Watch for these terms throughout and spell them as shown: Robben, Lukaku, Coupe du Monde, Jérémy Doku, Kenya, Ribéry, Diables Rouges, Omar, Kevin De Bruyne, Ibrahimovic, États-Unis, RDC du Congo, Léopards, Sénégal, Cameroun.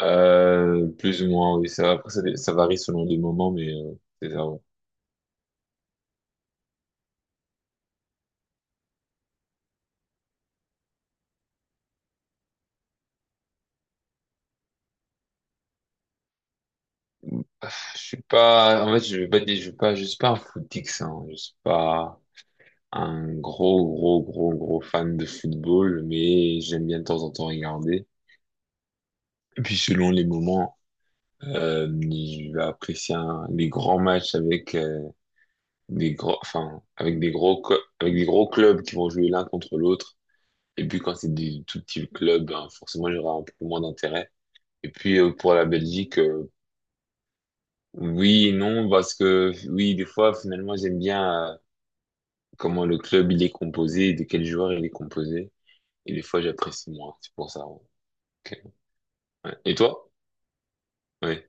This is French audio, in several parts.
Plus ou moins, oui. Ça, après, ça varie selon les moments, mais c'est ça. Ouais. Ah, je suis pas. En fait, je vais pas dire, je suis pas un footix, hein. Je suis pas un gros, gros, gros, gros fan de football, mais j'aime bien de temps en temps regarder. Et puis selon les moments, je vais apprécier des grands matchs avec des gros, enfin, avec des gros clubs qui vont jouer l'un contre l'autre. Et puis quand c'est des tout petits clubs, ben, forcément, j'aurai un peu moins d'intérêt. Et puis pour la Belgique, oui et non, parce que oui, des fois, finalement, j'aime bien comment le club il est composé, de quels joueurs il est composé. Et des fois, j'apprécie moins, c'est pour ça. Ouais. Ok. Ouais. Et toi? Oui.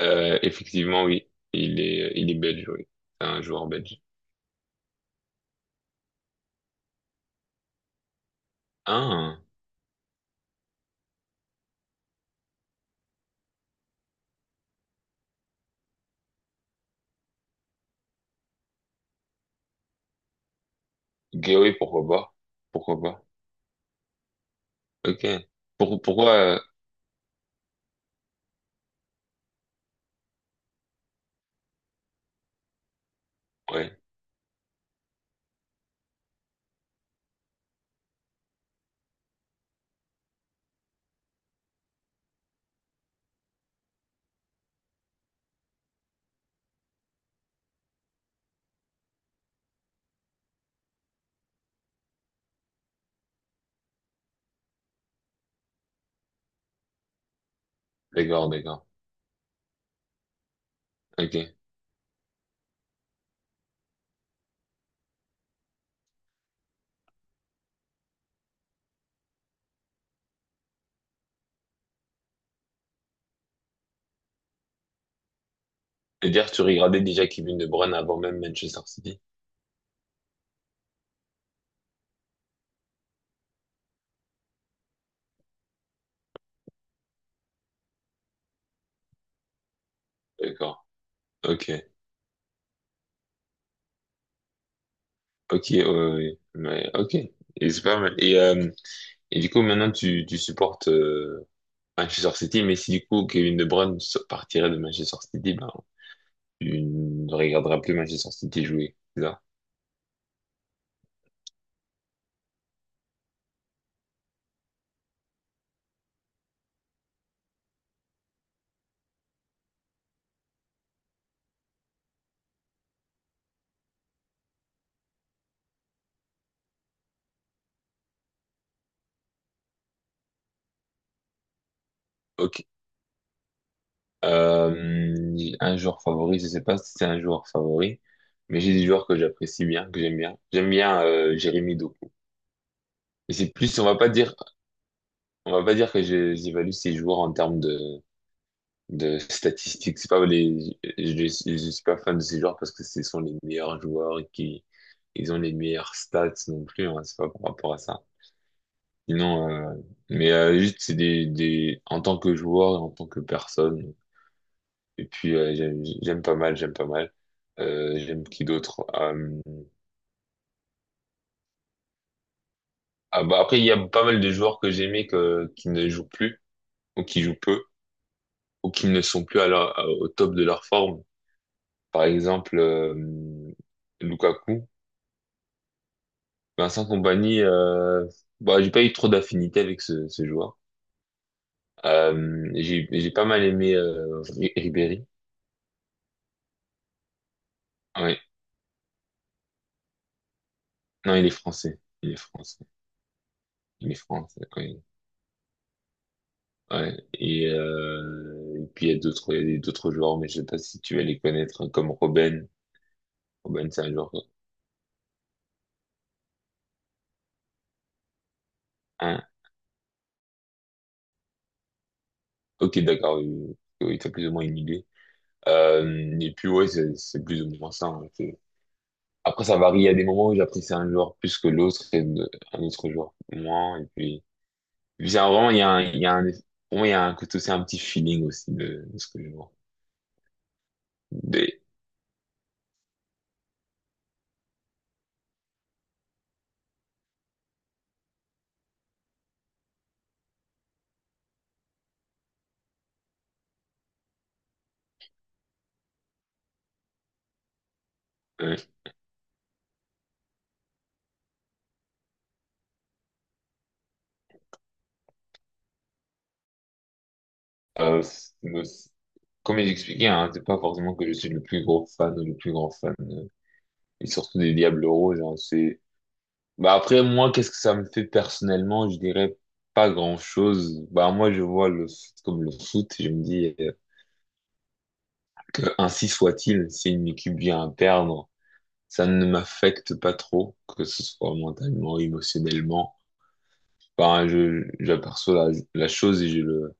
Effectivement, oui. Il est belge, oui. C'est un joueur belge. Ah, ok, oui, pourquoi pas? Pourquoi pas? Ok. Pourquoi? Ouais, d'accord, d'accord. Ok. C'est-à-dire, tu regardais déjà Kevin De Bruyne avant même Manchester City? D'accord. Ok. Ok, ouais, ouais, ouais. Ok, et c'est pas mal. Et du coup, maintenant, tu supportes Manchester City, mais si du coup Kevin De Bruyne partirait de Manchester City, ben, tu ne regarderas plus Manchester City jouer, c'est ça? Ok. Euh, un joueur favori, je sais pas si c'est un joueur favori, mais j'ai des joueurs que j'apprécie bien, que j'aime bien. J'aime bien Jérémy Doku. Et c'est plus, on va pas dire, que j'évalue ces joueurs en termes de statistiques. C'est pas les, je suis pas fan de ces joueurs parce que ce sont les meilleurs joueurs et qui, ils ont les meilleures stats non plus. Hein, c'est pas par rapport à ça. Sinon, mais juste c'est des, en tant que joueur, et en tant que personne. Et puis j'aime pas mal, j'aime pas mal. J'aime qui d'autre? Ah, bah, après il y a pas mal de joueurs que j'aimais que qui ne jouent plus ou qui jouent peu ou qui ne sont plus à leur- au top de leur forme. Par exemple, Lukaku. Vincent Compagnie, bah, j'ai pas eu trop d'affinité avec ce joueur. J'ai pas mal aimé Ribéry. Ouais. Non, il est français. Il est français. Il est français. Oui. Ouais. Et puis il y a d'autres joueurs, mais je sais pas si tu vas les connaître, hein, comme Robben. Robben, c'est un joueur. Hein. Ok, d'accord. Oui, oui, t'as plus ou moins une idée. Et puis ouais, c'est plus ou moins ça, hein. Après, ça varie. Il y a des moments où j'apprécie un joueur plus que l'autre et un autre joueur moins. Et puis, bizarre, vraiment, il y a un, il y a un, pour moi, il y a un côté aussi, un petit feeling aussi de ce que je vois. Des, ouais. Euh, c'est- Comme j'expliquais, hein, c'est pas forcément que je suis le plus gros fan ou le plus grand fan, et surtout des Diables Rouges, hein, bah, après, moi, qu'est-ce que ça me fait personnellement? Je dirais pas grand-chose. Bah, moi, je vois le foot comme le foot, je me dis, que ainsi soit-il, si une équipe vient à perdre, ça ne m'affecte pas trop, que ce soit mentalement, émotionnellement. Enfin, j'aperçois la chose et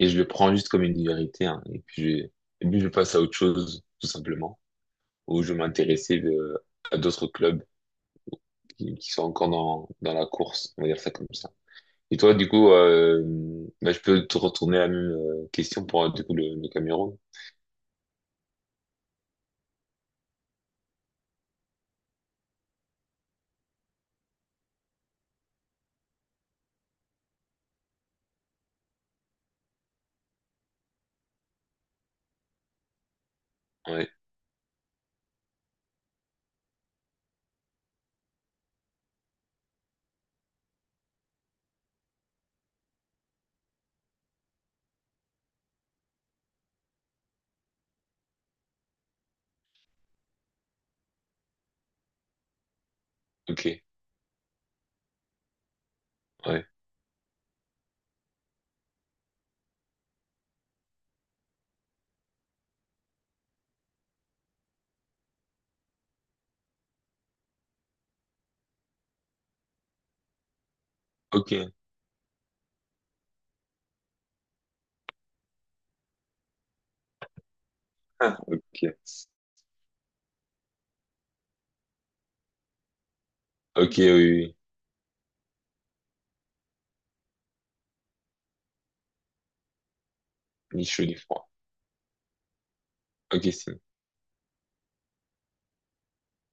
et je le prends juste comme une vérité, hein. Et puis, je passe à autre chose, tout simplement, où je m'intéressais à d'autres clubs qui sont encore dans la course, on va dire ça comme ça. Et toi, du coup, bah, je peux te retourner la même question pour, du coup, le Cameroun? Ouais, ok, ouais, ok, ah, ok, ok, oui, oui, ni chaud ni froid. Ok, c'est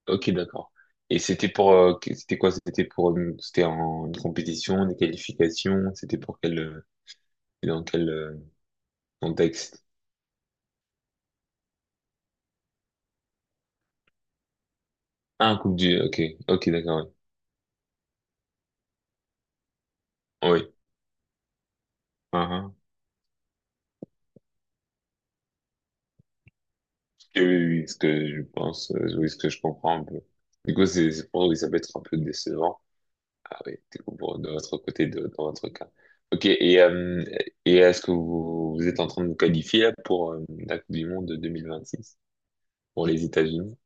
ok, d'accord. Et c'était pour, c'était quoi? C'était pour, c'était en une compétition, des qualifications. C'était dans quel contexte? Ah, ok, ok, d'accord. Oui. Oui. Ah, ah. Oui, oui, oui, ce que je pense, oui, ce que je comprends un peu. Du coup, c'est pour oui, ça peut être un peu décevant. Ah oui, du coup, de votre côté, dans votre cas. Ok, et est-ce que vous, vous êtes en train de vous qualifier là, pour la Coupe du Monde de six pour les États-Unis?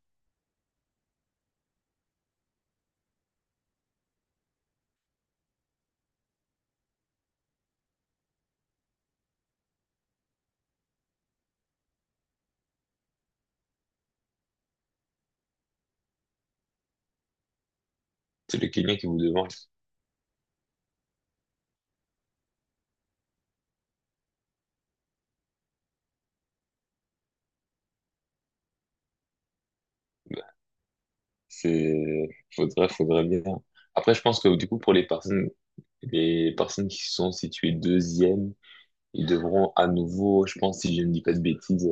C'est le Kenya qui vous demande. C'est, Faudrait, faudrait bien. Après, je pense que du coup, pour les personnes qui sont situées deuxième, ils devront à nouveau, je pense, si je ne dis pas de bêtises,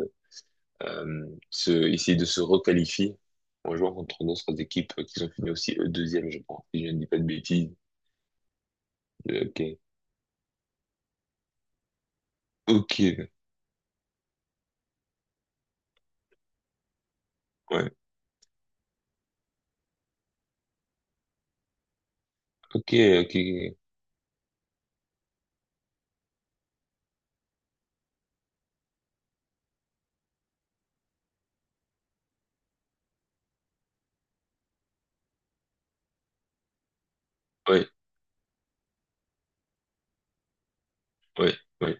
essayer de se requalifier en jouant contre d'autres équipes qui sont finies aussi eux, deuxième, je pense, si je ne dis pas de bêtises. Ok. Ok. Ouais. Ok, ok. Ouais, ouais, ouais.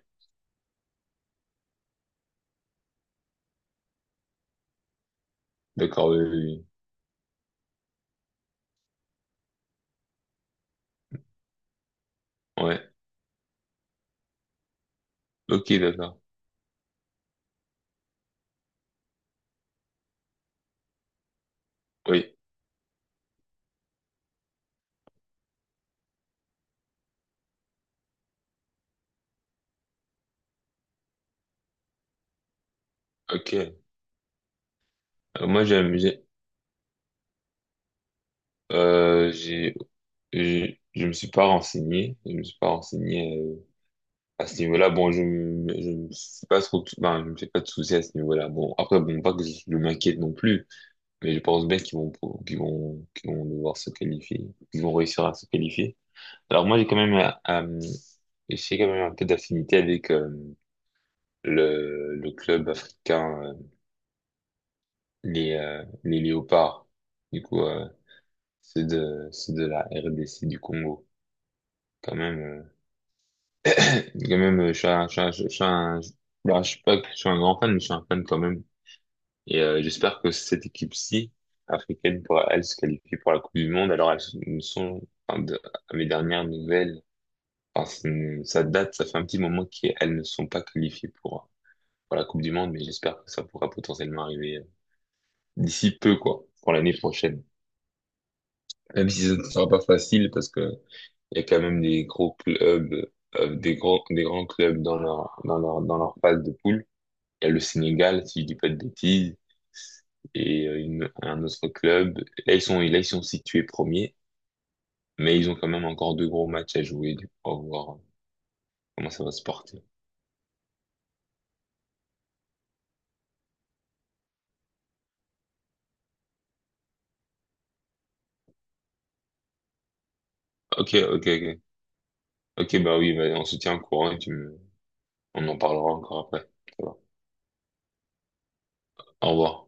D'accord, oui, oui, oui. Ouais. Ok, d'accord. Oui. Ok. Moi, j'ai. Je me suis pas renseigné, à ce niveau-là. Bon, je me suis pas trop, ben, je me fais pas de soucis à ce niveau-là. Bon, après, bon, pas que je m'inquiète non plus, mais je pense bien qu'ils vont devoir se qualifier, qu'ils vont réussir à se qualifier. Alors moi, j'ai quand même un peu d'affinité avec le club africain, les Léopards. Du coup, c'est de la RDC du Congo, quand même. Je suis un, je suis un- je suis un- je- bah, je suis pas, je suis un grand fan, mais je suis un fan quand même. Et j'espère que cette équipe-ci, africaine, pourra, elle, se qualifier pour la Coupe du Monde. Alors, elles ne sont, enfin, à mes dernières nouvelles, enfin, ça date, ça fait un petit moment qu'elles ne sont pas qualifiées pour la Coupe du Monde, mais j'espère que ça pourra potentiellement arriver d'ici peu, quoi, pour l'année prochaine. Même si ce ne sera pas facile, parce que il y a quand même des gros clubs, des gros, des grands clubs dans leur phase de poule. Il y a le Sénégal, si je dis pas de bêtises, et un autre club. Là, ils sont situés premiers, mais ils ont quand même encore deux gros matchs à jouer. Du coup, on va voir comment ça va se porter. Ok, ok, ok. Ok, bah oui, bah, on se tient au courant et tu me... on en parlera encore après. Ça va. Au revoir.